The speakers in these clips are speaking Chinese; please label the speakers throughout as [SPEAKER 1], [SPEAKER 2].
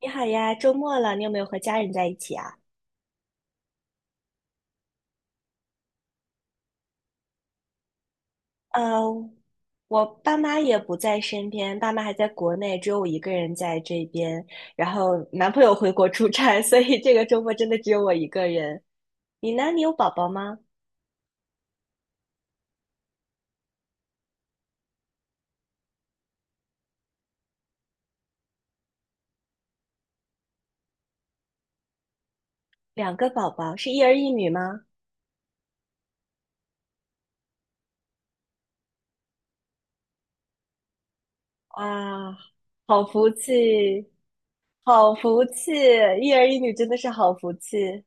[SPEAKER 1] 你好呀，周末了，你有没有和家人在一起啊？呃，我爸妈也不在身边，爸妈还在国内，只有我一个人在这边。然后男朋友回国出差，所以这个周末真的只有我一个人。你呢？你有宝宝吗？两个宝宝，是一儿一女吗？哇，好福气，好福气，一儿一女真的是好福气。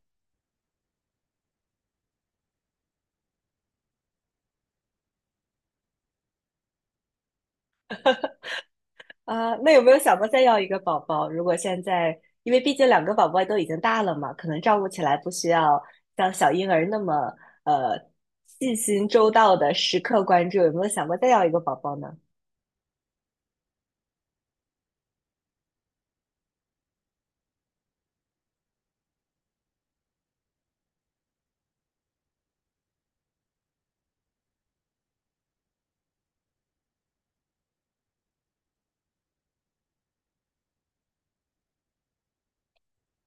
[SPEAKER 1] 啊，那有没有想过再要一个宝宝？如果现在，因为毕竟两个宝宝都已经大了嘛，可能照顾起来不需要像小婴儿那么呃细心周到的时刻关注，有没有想过再要一个宝宝呢？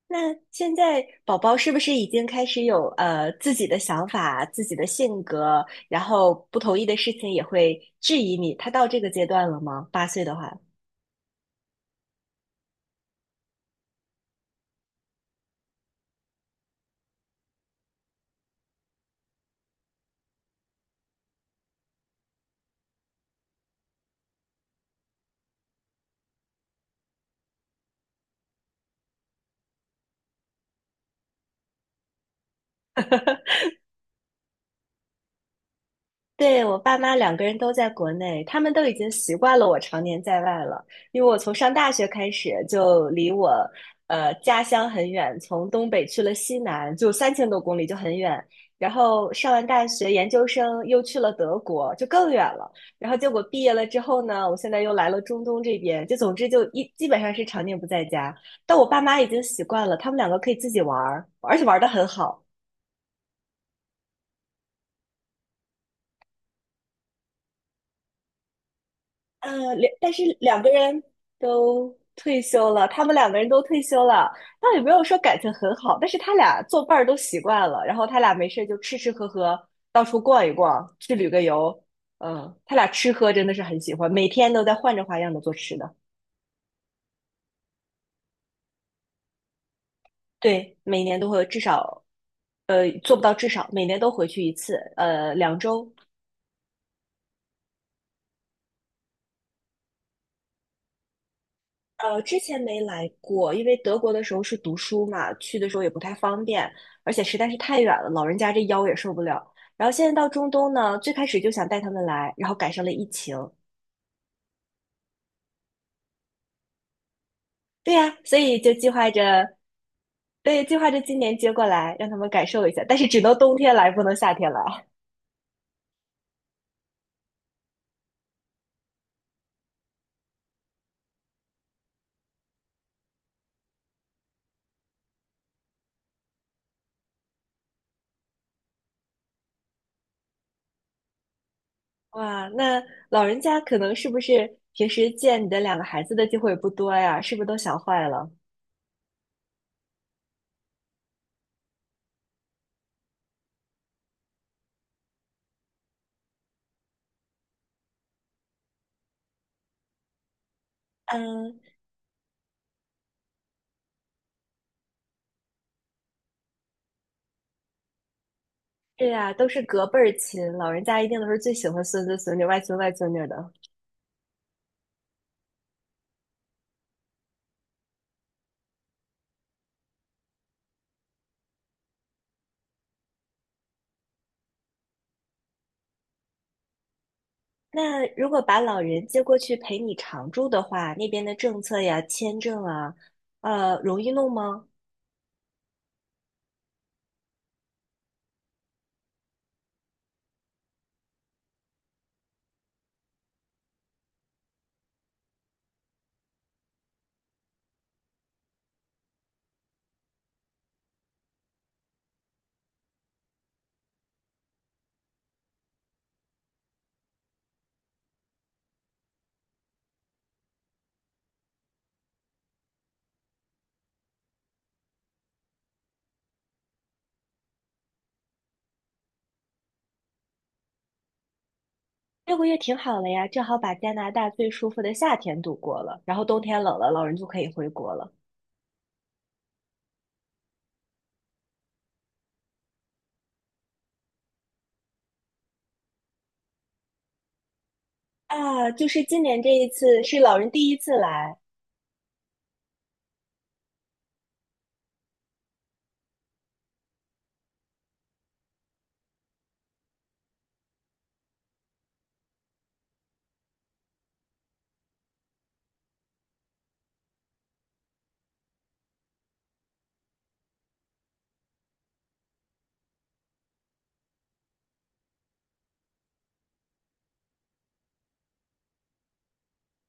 [SPEAKER 1] 那现在宝宝是不是已经开始有自己的想法、自己的性格，然后不同意的事情也会质疑你？他到这个阶段了吗？8岁的话。对，我爸妈两个人都在国内，他们都已经习惯了我常年在外了。因为我从上大学开始就离我家乡很远，从东北去了西南，就3000多公里，就很远。然后上完大学，研究生又去了德国，就更远了。然后结果毕业了之后呢，我现在又来了中东这边，就总之基本上是常年不在家。但我爸妈已经习惯了，他们两个可以自己玩儿，而且玩的很好。但是两个人都退休了，他们两个人都退休了，倒也没有说感情很好，但是他俩做伴儿都习惯了，然后他俩没事就吃吃喝喝，到处逛一逛，去旅个游，他俩吃喝真的是很喜欢，每天都在换着花样的做吃的。对，每年都会有至少，做不到至少每年都回去一次，2周之前没来过，因为德国的时候是读书嘛，去的时候也不太方便，而且实在是太远了，老人家这腰也受不了。然后现在到中东呢，最开始就想带他们来，然后赶上了疫情。对呀，所以就计划着，对，计划着今年接过来，让他们感受一下，但是只能冬天来，不能夏天来。哇，那老人家可能是不是平时见你的两个孩子的机会不多呀？是不是都想坏了？嗯，对呀，都是隔辈儿亲，老人家一定都是最喜欢孙子孙女、外孙外孙女的。那如果把老人接过去陪你常住的话，那边的政策呀、签证啊，容易弄吗？6个月挺好了呀，正好把加拿大最舒服的夏天度过了，然后冬天冷了，老人就可以回国了。啊，就是今年这一次是老人第一次来。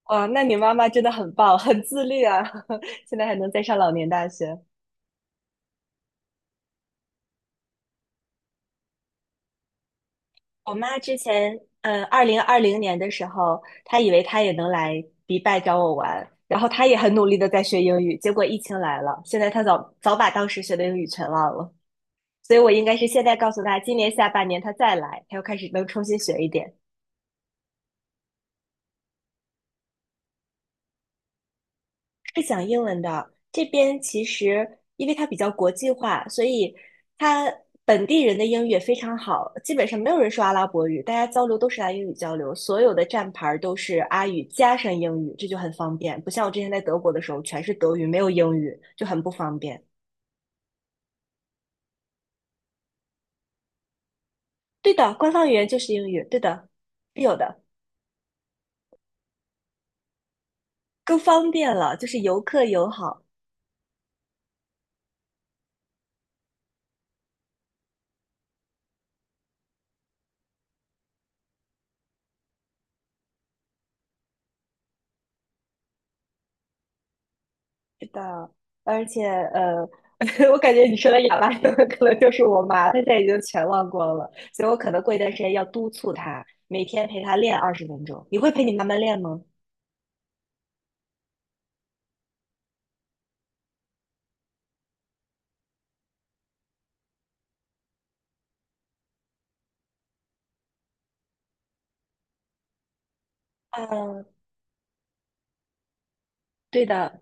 [SPEAKER 1] 哇，那你妈妈真的很棒，很自律啊，现在还能再上老年大学。我妈之前，2020年的时候，她以为她也能来迪拜找我玩，然后她也很努力的在学英语，结果疫情来了，现在她早早把当时学的英语全忘了，所以我应该是现在告诉她，今年下半年她再来，她又开始能重新学一点。是讲英文的。这边其实因为它比较国际化，所以它本地人的英语也非常好，基本上没有人说阿拉伯语，大家交流都是拿英语交流，所有的站牌儿都是阿语加上英语，这就很方便。不像我之前在德国的时候，全是德语，没有英语，就很不方便。对的，官方语言就是英语，对的，是有的，更方便了，就是游客友好。是的，而且呃，我感觉你说的亚麻的可能就是我妈，她现在已经全忘光了，所以我可能过一段时间要督促她，每天陪她练20分钟。你会陪你妈妈练吗？嗯，对的，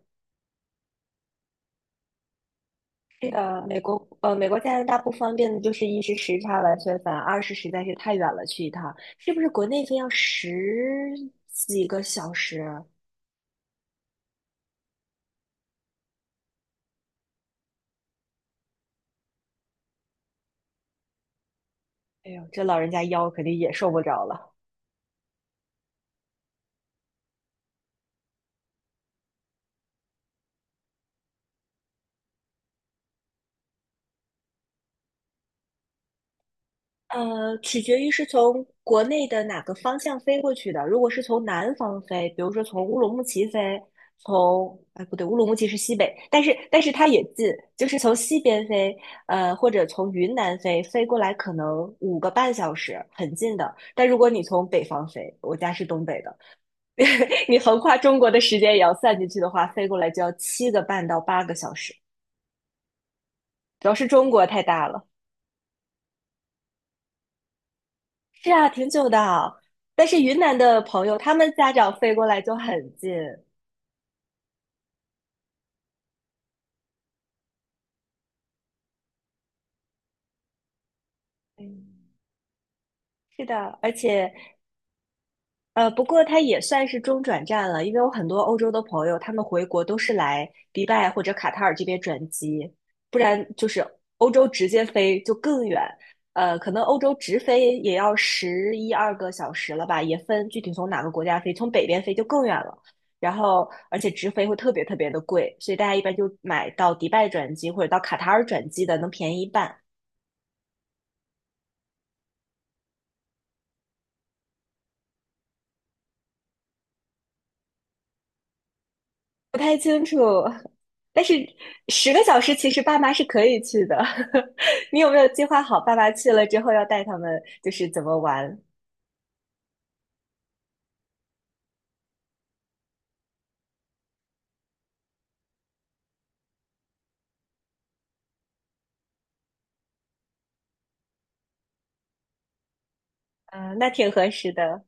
[SPEAKER 1] 是的，美国加拿大不方便的就是一是时差完全烦，二是实在是太远了，去一趟是不是国内飞要十几个小时？哎呦，这老人家腰肯定也受不着了。取决于是从国内的哪个方向飞过去的。如果是从南方飞，比如说从乌鲁木齐飞，哎，不对，乌鲁木齐是西北，但是它也近，就是从西边飞，或者从云南飞，飞过来可能5个半小时，很近的。但如果你从北方飞，我家是东北的，你横跨中国的时间也要算进去的话，飞过来就要7个半到8个小时。主要是中国太大了。是啊，挺久的。但是云南的朋友，他们家长飞过来就很近。嗯，是的，而且不过它也算是中转站了，因为我很多欧洲的朋友，他们回国都是来迪拜或者卡塔尔这边转机，不然就是欧洲直接飞就更远。可能欧洲直飞也要十一二个小时了吧，也分具体从哪个国家飞，从北边飞就更远了。然后，而且直飞会特别特别的贵，所以大家一般就买到迪拜转机或者到卡塔尔转机的，能便宜一半。不太清楚，但是10个小时其实爸妈是可以去的。你有没有计划好爸妈去了之后要带他们就是怎么玩？嗯，那挺合适的，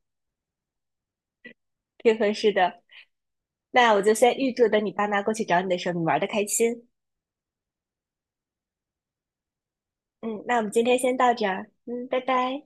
[SPEAKER 1] 挺合适的。那我就先预祝等你爸妈过去找你的时候，你玩的开心。嗯，那我们今天先到这儿。嗯，拜拜。